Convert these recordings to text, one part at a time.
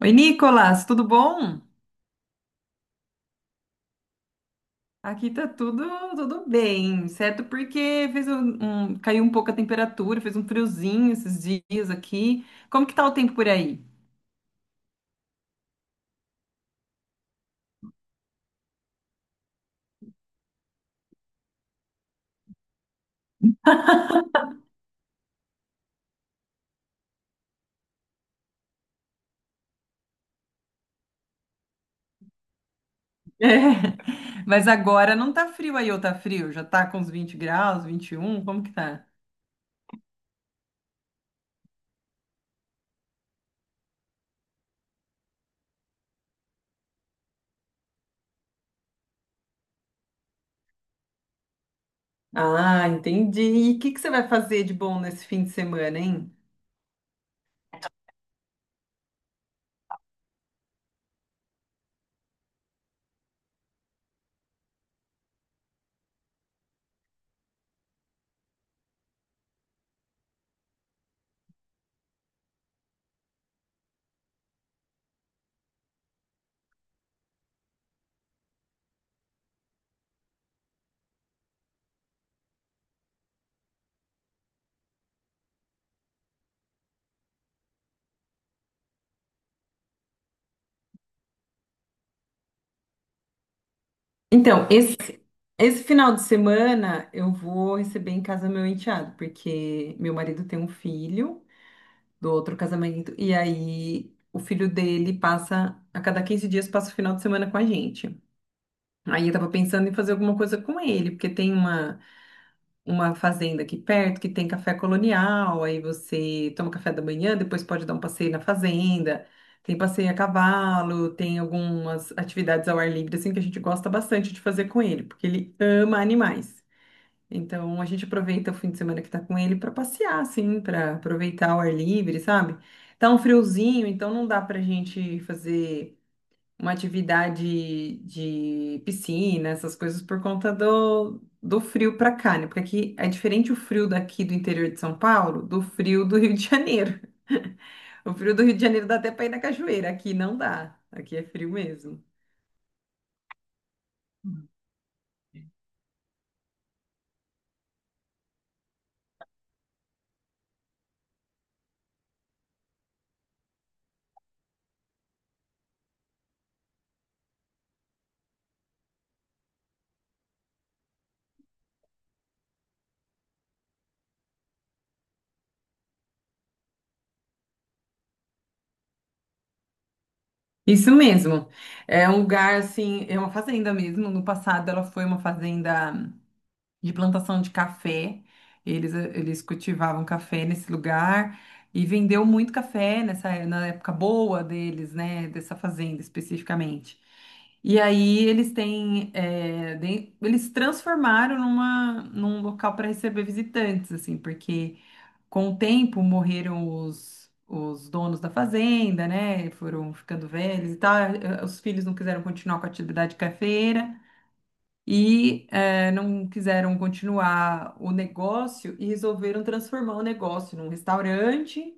Oi, Nicolas, tudo bom? Aqui tá tudo bem, certo? Porque caiu um pouco a temperatura, fez um friozinho esses dias aqui. Como que tá o tempo por aí? É, mas agora não tá frio aí, ou tá frio? Já tá com uns 20 graus, 21. Como que tá? Ah, entendi. E o que que você vai fazer de bom nesse fim de semana, hein? Então, esse final de semana eu vou receber em casa meu enteado, porque meu marido tem um filho do outro casamento. E aí o filho dele passa, a cada 15 dias, passa o final de semana com a gente. Aí eu tava pensando em fazer alguma coisa com ele, porque tem uma fazenda aqui perto que tem café colonial, aí você toma café da manhã, depois pode dar um passeio na fazenda, tem passeio a cavalo, tem algumas atividades ao ar livre, assim, que a gente gosta bastante de fazer com ele, porque ele ama animais. Então a gente aproveita o fim de semana que tá com ele para passear, assim, para aproveitar o ar livre, sabe? Tá um friozinho, então não dá pra gente fazer uma atividade de piscina, essas coisas por conta do frio pra cá, né? Porque aqui é diferente o frio daqui do interior de São Paulo do frio do Rio de Janeiro. O frio do Rio de Janeiro dá até para ir na cachoeira, aqui não dá. Aqui é frio mesmo. Isso mesmo. É um lugar assim, é uma fazenda mesmo. No passado ela foi uma fazenda de plantação de café. Eles cultivavam café nesse lugar e vendeu muito café na época boa deles, né? Dessa fazenda especificamente. E aí eles têm, é, eles transformaram num local para receber visitantes, assim, porque com o tempo morreram os donos da fazenda, né? Foram ficando velhos e tal. Os filhos não quiseram continuar com a atividade cafeira e não quiseram continuar o negócio e resolveram transformar o negócio num restaurante.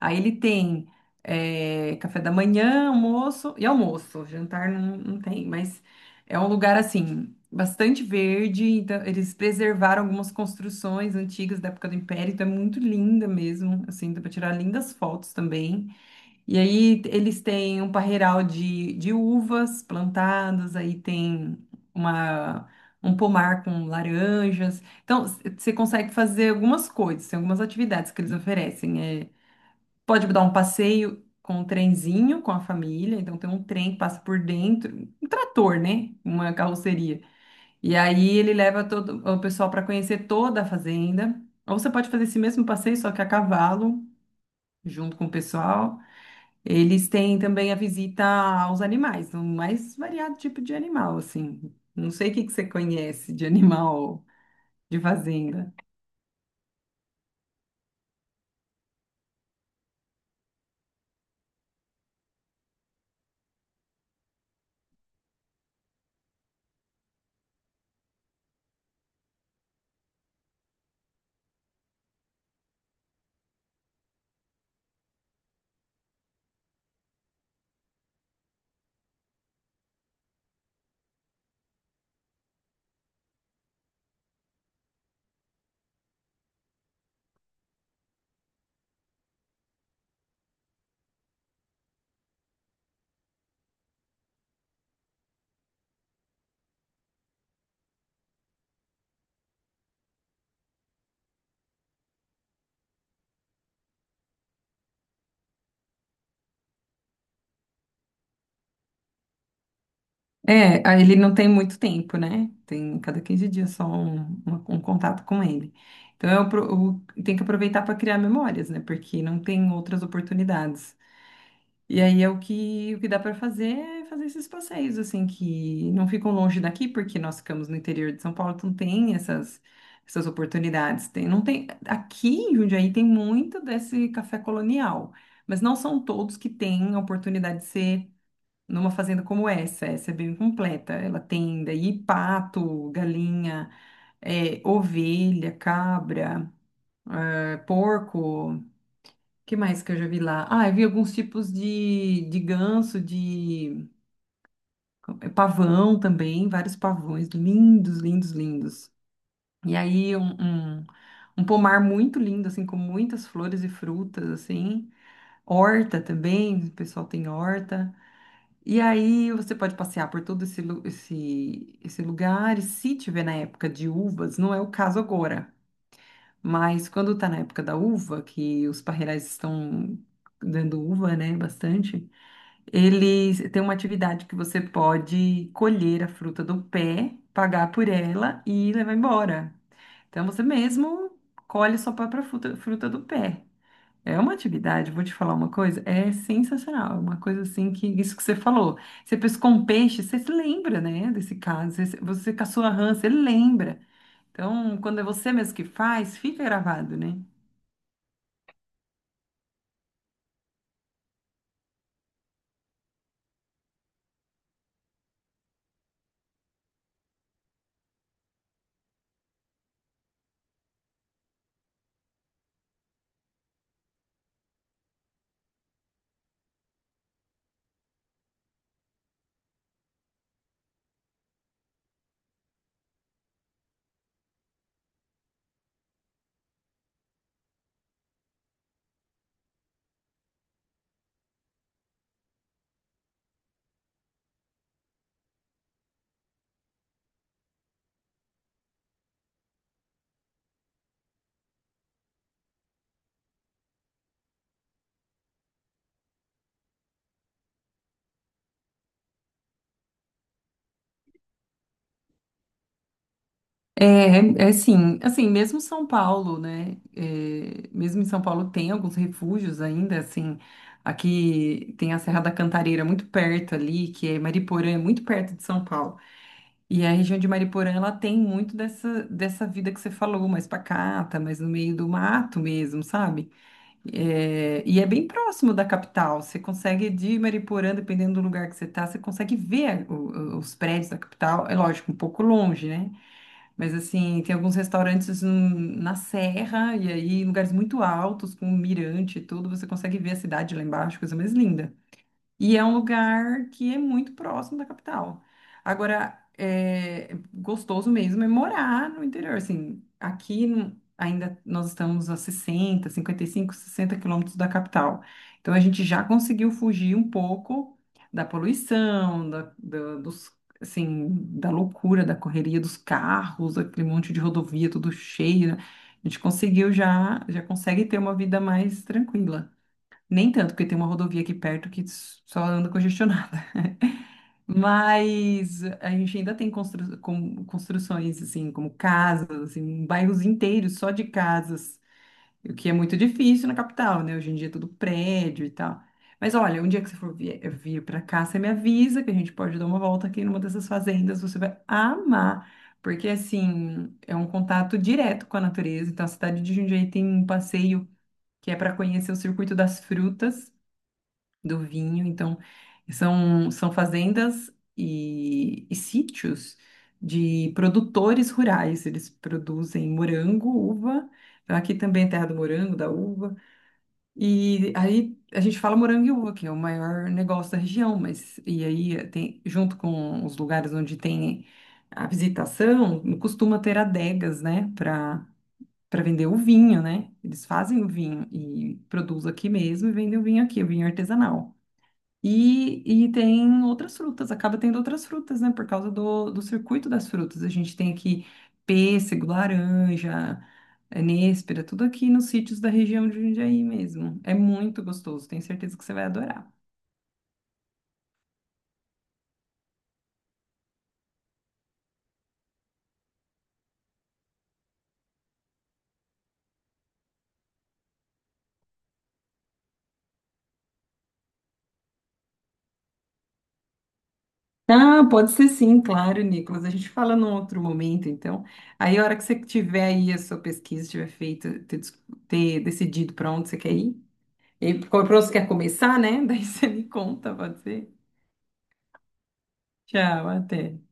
Aí ele tem café da manhã, almoço e almoço. Jantar não, não tem, mas é um lugar assim bastante verde. Então eles preservaram algumas construções antigas da época do Império, então é muito linda mesmo. Assim, dá para tirar lindas fotos também. E aí eles têm um parreiral de uvas plantadas, aí tem uma, um pomar com laranjas. Então, você consegue fazer algumas coisas, tem algumas atividades que eles oferecem. É, pode dar um passeio com um trenzinho com a família, então tem um trem que passa por dentro, um trator, né? Uma carroceria. E aí ele leva todo o pessoal para conhecer toda a fazenda. Ou você pode fazer esse mesmo passeio, só que a cavalo, junto com o pessoal. Eles têm também a visita aos animais, no mais variado tipo de animal, assim. Não sei o que que você conhece de animal de fazenda. É, ele não tem muito tempo, né? Tem cada 15 dias só um, um contato com ele. Então, eu tenho que aproveitar para criar memórias, né? Porque não tem outras oportunidades. E aí é o que dá para fazer é fazer esses passeios, assim, que não ficam longe daqui, porque nós ficamos no interior de São Paulo, então tem essas oportunidades. Tem, não tem, aqui em Jundiaí tem muito desse café colonial, mas não são todos que têm a oportunidade de ser numa fazenda como essa. Essa é bem completa. Ela tem daí pato, galinha, ovelha, cabra, porco. Que mais que eu já vi lá? Ah, eu vi alguns tipos de ganso, de pavão também, vários pavões lindos, lindos, lindos. E aí um pomar muito lindo, assim, com muitas flores e frutas, assim. Horta também, o pessoal tem horta. E aí você pode passear por todo esse lugar, e se tiver na época de uvas, não é o caso agora, mas quando tá na época da uva, que os parreirais estão dando uva, né, bastante, ele tem uma atividade que você pode colher a fruta do pé, pagar por ela e levar embora. Então você mesmo colhe sua própria fruta, fruta do pé. É uma atividade, vou te falar uma coisa, é sensacional. É uma coisa assim que, isso que você falou. Você pescou um peixe, você se lembra, né, desse caso. Você caçou a rã, você lembra. Então, quando é você mesmo que faz, fica gravado, né? É, é sim, assim, mesmo São Paulo, né? É, mesmo em São Paulo tem alguns refúgios ainda, assim, aqui tem a Serra da Cantareira muito perto ali, que é Mariporã, é muito perto de São Paulo. E a região de Mariporã, ela tem muito dessa vida que você falou, mais pacata, mais no meio do mato mesmo, sabe? É, e é bem próximo da capital, você consegue de Mariporã, dependendo do lugar que você tá, você consegue ver os prédios da capital, é lógico, um pouco longe, né? Mas assim, tem alguns restaurantes na serra e aí em lugares muito altos, com mirante e tudo, você consegue ver a cidade lá embaixo, coisa mais linda. E é um lugar que é muito próximo da capital. Agora, é gostoso mesmo é morar no interior. Assim, aqui no- ainda nós estamos a 60, 55, 60 quilômetros da capital. Então, a gente já conseguiu fugir um pouco da poluição, dos, assim, da loucura, da correria dos carros, aquele monte de rodovia tudo cheio, né? A gente conseguiu já consegue ter uma vida mais tranquila. Nem tanto, porque tem uma rodovia aqui perto que só anda congestionada. Mas a gente ainda tem construções, assim, como casas, assim, bairros inteiros só de casas, o que é muito difícil na capital, né? Hoje em dia é tudo prédio e tal. Mas olha, um dia que você for vir para cá, você me avisa que a gente pode dar uma volta aqui numa dessas fazendas, você vai amar. Porque, assim, é um contato direto com a natureza. Então, a cidade de Jundiaí tem um passeio que é para conhecer o Circuito das Frutas do vinho. Então, são fazendas e sítios de produtores rurais. Eles produzem morango, uva. Então, aqui também é terra do morango, da uva. E aí a gente fala morango e uva, que é o maior negócio da região, mas e aí tem, junto com os lugares onde tem a visitação, costuma ter adegas, né, para vender o vinho, né? Eles fazem o vinho e produzem aqui mesmo e vendem o vinho aqui, o vinho artesanal. E tem outras frutas, acaba tendo outras frutas, né? Por causa do circuito das frutas. A gente tem aqui pêssego, laranja, nêspera, tudo aqui nos sítios da região de Jundiaí mesmo. É muito gostoso, tenho certeza que você vai adorar. Ah, pode ser sim, claro, Nicolas. A gente fala num outro momento, então. Aí, a hora que você tiver aí a sua pesquisa, tiver feita, ter decidido para onde você quer ir, e para onde você quer começar, né? Daí você me conta, pode ser? Tchau, até.